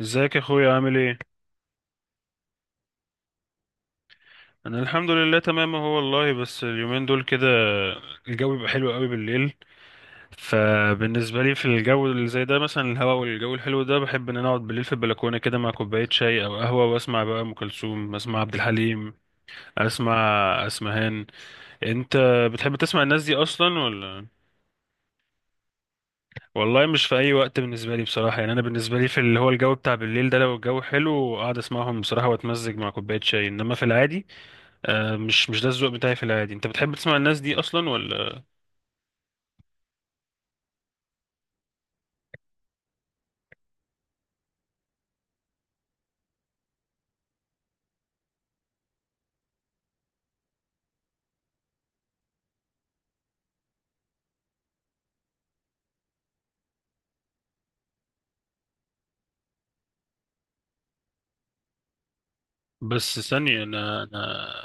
ازيك يا اخويا، عامل ايه؟ انا الحمد لله تمام اهو والله، بس اليومين دول كده الجو بيبقى حلو قوي بالليل. فبالنسبه لي في الجو اللي زي ده مثلا، الهواء والجو الحلو ده بحب ان انا اقعد بالليل في البلكونه كده مع كوبايه شاي او قهوه، واسمع بقى ام كلثوم، اسمع عبد الحليم، اسمع اسمهان. انت بتحب تسمع الناس دي اصلا ولا؟ والله مش في اي وقت بالنسبه لي بصراحه. يعني انا بالنسبه لي في اللي هو الجو بتاع بالليل ده، لو الجو حلو اقعد اسمعهم بصراحه واتمزج مع كوبايه شاي، انما في العادي. آه، مش ده الذوق بتاعي في العادي. انت بتحب تسمع الناس دي اصلا ولا؟ بس ثانية، انا.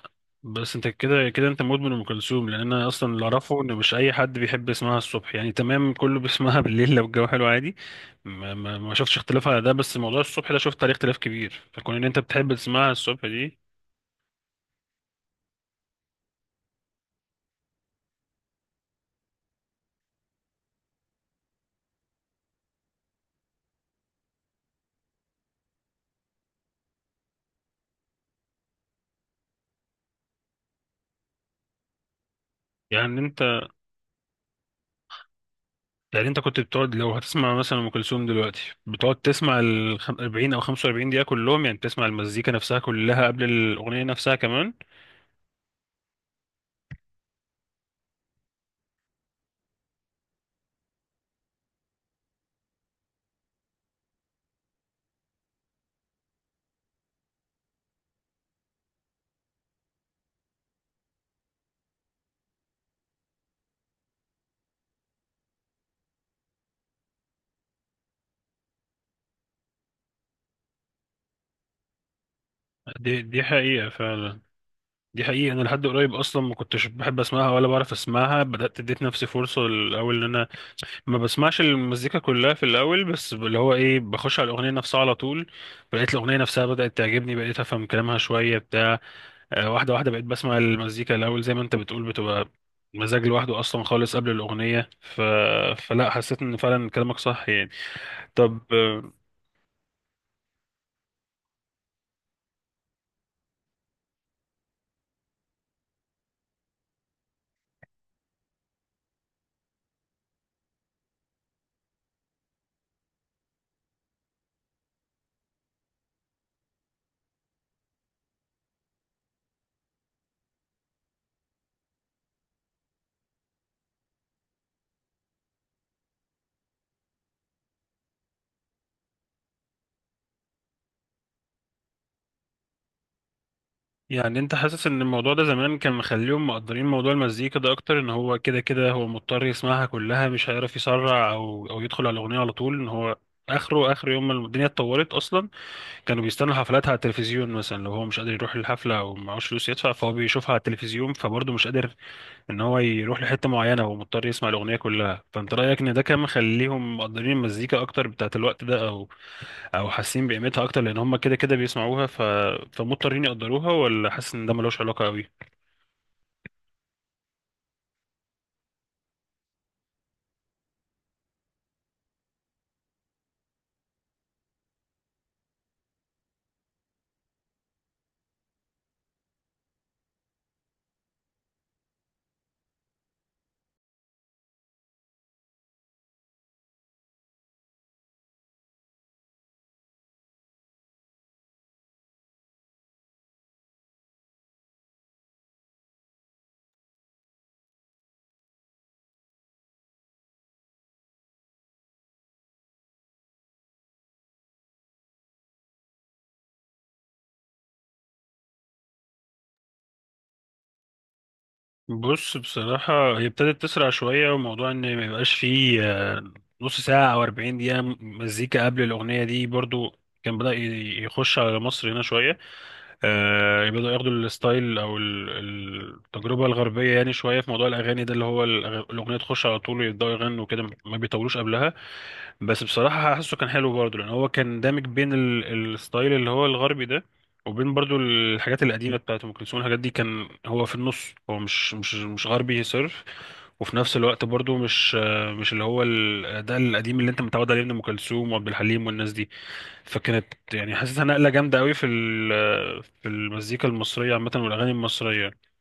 بس انت كده كده انت مدمن ام كلثوم، لان انا اصلا اللي اعرفه ان مش اي حد بيحب يسمعها الصبح، يعني تمام كله بيسمعها بالليل لو الجو حلو عادي. ما شفتش اختلاف على ده، بس موضوع الصبح ده شفت عليه اختلاف كبير، فكون ان انت بتحب تسمعها الصبح دي. يعني انت يعني انت كنت بتقعد لو هتسمع مثلا ام كلثوم دلوقتي، بتقعد تسمع ال 40 او 45 دقيقة كلهم، يعني بتسمع المزيكا نفسها كلها قبل الاغنية نفسها كمان؟ دي حقيقة فعلا. دي حقيقة، أنا لحد قريب أصلا ما كنتش بحب أسمعها ولا بعرف أسمعها. بدأت اديت نفسي فرصة الأول إن أنا ما بسمعش المزيكا كلها في الأول، بس اللي هو إيه بخش على الأغنية نفسها على طول. بقيت الأغنية نفسها بدأت تعجبني، بقيت أفهم كلامها شوية بتاع. واحدة واحدة بقيت بسمع المزيكا الأول زي ما أنت بتقول، بتبقى مزاج لوحده أصلا خالص قبل الأغنية. فلا، حسيت إن فعلا كلامك صح يعني. طب، يعني انت حاسس ان الموضوع ده زمان كان مخليهم مقدرين موضوع المزيكا ده اكتر، ان هو كده كده هو مضطر يسمعها كلها، مش هيعرف يسرع او يدخل على الاغنيه على طول، ان هو اخره اخر يوم ما الدنيا اتطورت اصلا؟ كانوا بيستنوا حفلاتها على التلفزيون مثلا، لو هو مش قادر يروح الحفله او معهوش فلوس يدفع فهو بيشوفها على التلفزيون. فبرضه مش قادر ان هو يروح لحته معينه، هو مضطر يسمع الاغنيه كلها. فانت رايك ان ده كان مخليهم مقدرين المزيكا اكتر بتاعت الوقت ده، او او حاسين بقيمتها اكتر لان هم كده كده بيسمعوها، فمضطرين يقدروها، ولا حاسس ان ده ملوش علاقه قوي؟ بص، بصراحه هي ابتدت تسرع شويه، وموضوع ان ما يبقاش فيه نص ساعه او 40 دقيقه مزيكا قبل الاغنيه دي برضو، كان بدأ يخش على مصر هنا شوية. آه، بدأوا ياخدوا الستايل أو التجربة الغربية يعني شوية في موضوع الأغاني ده، اللي هو الأغنية تخش على طول، يبدأوا يغنوا كده ما بيطولوش قبلها. بس بصراحة حاسه كان حلو برضه، لأن هو كان دامج بين الستايل اللي هو الغربي ده، وبين برضه الحاجات القديمة بتاعت أم كلثوم، الحاجات دي كان هو في النص، هو مش غربي صرف. وفي نفس الوقت برضه مش، ده القديم اللي أنت متعود عليه من أم كلثوم وعبد الحليم والناس دي. فكانت يعني حاسسها نقلة جامدة قوي في في المزيكا المصرية عامة والأغاني المصرية.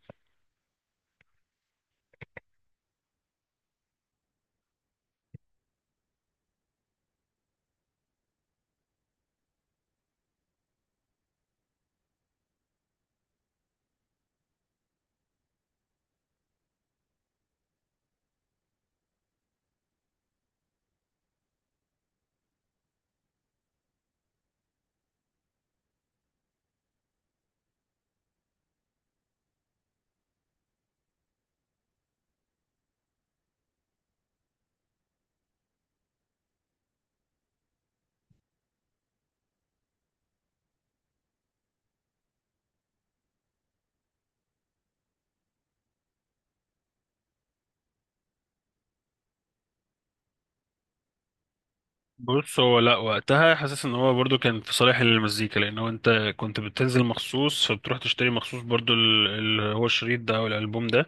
بص، هو لا وقتها حاسس ان هو برضو كان في صالح المزيكا، لان هو انت كنت بتنزل مخصوص فبتروح تشتري مخصوص برضو اللي هو الشريط ده او الالبوم ده.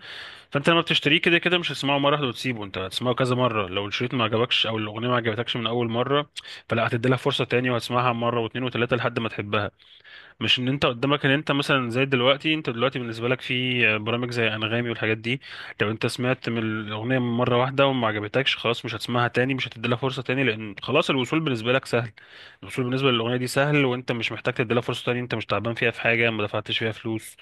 فانت لما بتشتريه كده كده مش هتسمعه مره واحده وتسيبه، انت هتسمعه كذا مره. لو الشريط ما عجبكش او الاغنيه ما عجبتكش من اول مره، فلا هتدي لها فرصه تاني، وهتسمعها مره واتنين وتلاته لحد ما تحبها. مش ان انت قدامك ان انت مثلا زي دلوقتي. انت دلوقتي بالنسبه لك في برامج زي انغامي والحاجات دي، لو انت سمعت من الاغنيه مره واحده وما عجبتكش خلاص مش هتسمعها تاني، مش هتديلها فرصه تاني، لان خلاص الوصول بالنسبه لك سهل. الوصول بالنسبه للاغنيه دي سهل، وانت مش محتاج تديلها فرصه تاني، انت مش تعبان فيها، في حاجه ما دفعتش فيها فلوس.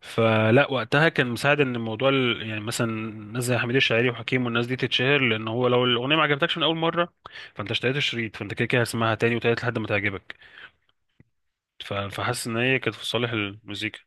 فلا وقتها كان مساعد ان الموضوع يعني مثلا ناس زي حميد الشاعري وحكيم والناس دي تتشهر، لان هو لو الاغنيه ما عجبتكش من اول مره فانت اشتريت الشريط، فانت كده كده هتسمعها تاني وتالت لحد ما تعجبك. فحاسس ان هي كانت في صالح المزيكا.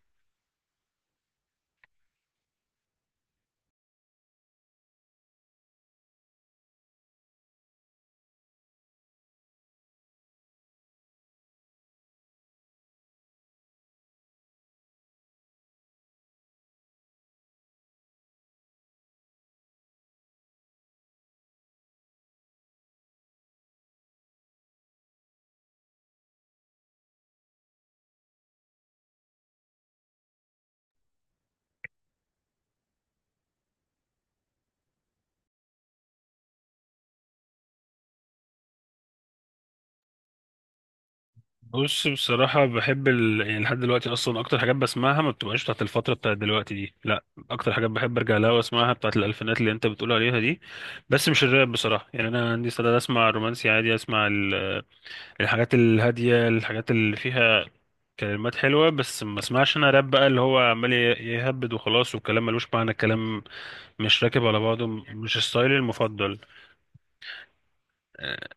بص، بصراحة بحب يعني لحد دلوقتي أصلا أكتر حاجات بسمعها ما بتبقاش بتاعت الفترة بتاعت دلوقتي دي، لأ. أكتر حاجات بحب أرجع لها وأسمعها بتاعت الألفينات اللي أنت بتقول عليها دي. بس مش الراب بصراحة، يعني أنا عندي استعداد أسمع رومانسي عادي، أسمع الحاجات الهادية، الحاجات اللي فيها كلمات حلوة، بس ما اسمعش أنا راب بقى اللي هو عمال يهبد وخلاص، والكلام ملوش معنى، الكلام مش راكب على بعضه. مش ستايلي المفضل.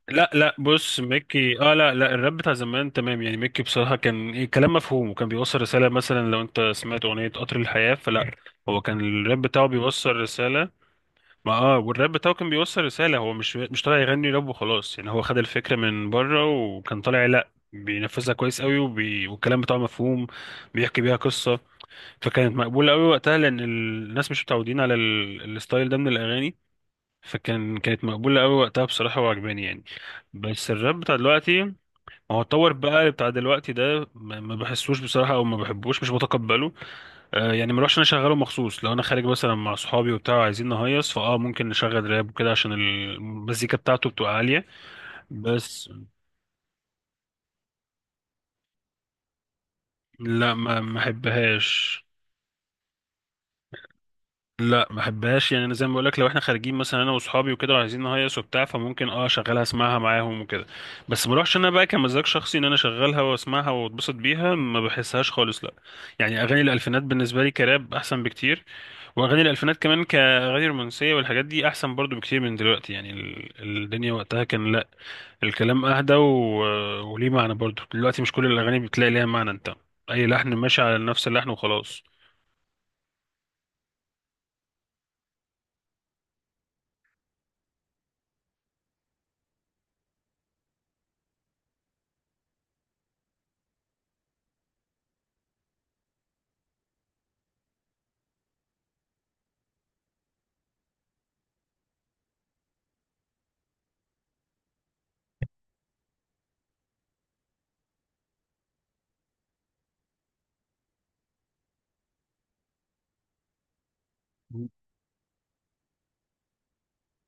لا لا، بص، ميكي اه. لا لا، الراب بتاع زمان تمام يعني. ميكي بصراحة كان ايه، كلام مفهوم وكان بيوصل رسالة. مثلا لو انت سمعت أغنية قطر الحياة، فلا، هو كان الراب بتاعه بيوصل رسالة. ما اه، والراب بتاعه كان بيوصل رسالة، هو مش طالع يغني راب وخلاص يعني. هو خد الفكرة من بره وكان طالع، لا، بينفذها كويس قوي، والكلام بتاعه مفهوم، بيحكي بيها قصة. فكانت مقبولة قوي وقتها لأن الناس مش متعودين على الستايل ده من الأغاني. فكان كانت مقبولة أوي وقتها بصراحة، وعجباني يعني. بس الراب بتاع دلوقتي ما، هو اتطور بقى بتاع دلوقتي ده، ما بحسوش بصراحة أو ما بحبوش، مش بتقبله. آه، يعني ما اروحش أنا أشغله مخصوص. لو أنا خارج مثلا مع صحابي وبتاع عايزين نهيص فأه ممكن نشغل راب وكده عشان المزيكا بتاعته بتبقى عالية. بس لا، ما أحبهاش. لا ما بحبهاش يعني، انا زي ما بقول لك لو احنا خارجين مثلا انا واصحابي وكده وعايزين نهيص وبتاع، فممكن اه اشغلها اسمعها معاهم وكده. بس ما اروحش انا بقى كمزاج شخصي ان انا اشغلها واسمعها واتبسط بيها، ما بحسهاش خالص، لا. يعني اغاني الالفينات بالنسبه لي كراب احسن بكتير، واغاني الالفينات كمان كاغاني رومانسيه والحاجات دي احسن برضو بكتير من دلوقتي. يعني الدنيا وقتها كان لا، الكلام اهدى وليه معنى برضو. دلوقتي مش كل الاغاني بتلاقي ليها معنى انت، اي لحن ماشي على نفس اللحن وخلاص.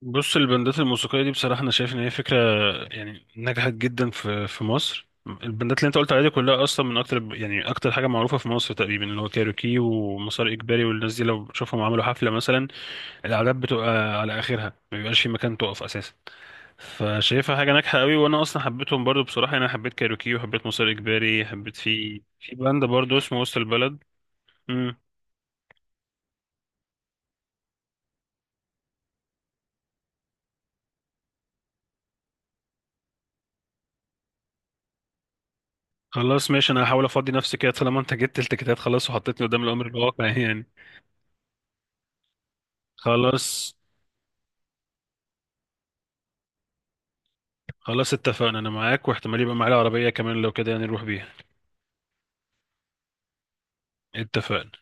بص، البندات الموسيقية دي بصراحة أنا شايف إن هي فكرة يعني نجحت جدا في مصر. البندات اللي أنت قلت عليها دي كلها أصلا من أكتر، يعني أكتر حاجة معروفة في مصر تقريبا، اللي هو كايروكي ومسار إجباري والناس دي، لو بشوفهم عملوا حفلة مثلا، الأعداد بتبقى على آخرها، ما بيبقاش في مكان تقف أساسا. فشايفها حاجة ناجحة قوي، وأنا أصلا حبيتهم برضو بصراحة يعني. أنا حبيت كايروكي وحبيت مسار إجباري، حبيت في بند برضو اسمه وسط البلد. مم. خلاص، ماشي. أنا هحاول أفضي نفسي كده طالما أنت جبت التيكيتات، خلاص وحطيتني قدام الأمر الواقع يعني. خلاص. خلاص، اتفقنا، انا معاك، واحتمال يبقى معايا العربية كمان لو كده يعني نروح بيها. اتفقنا.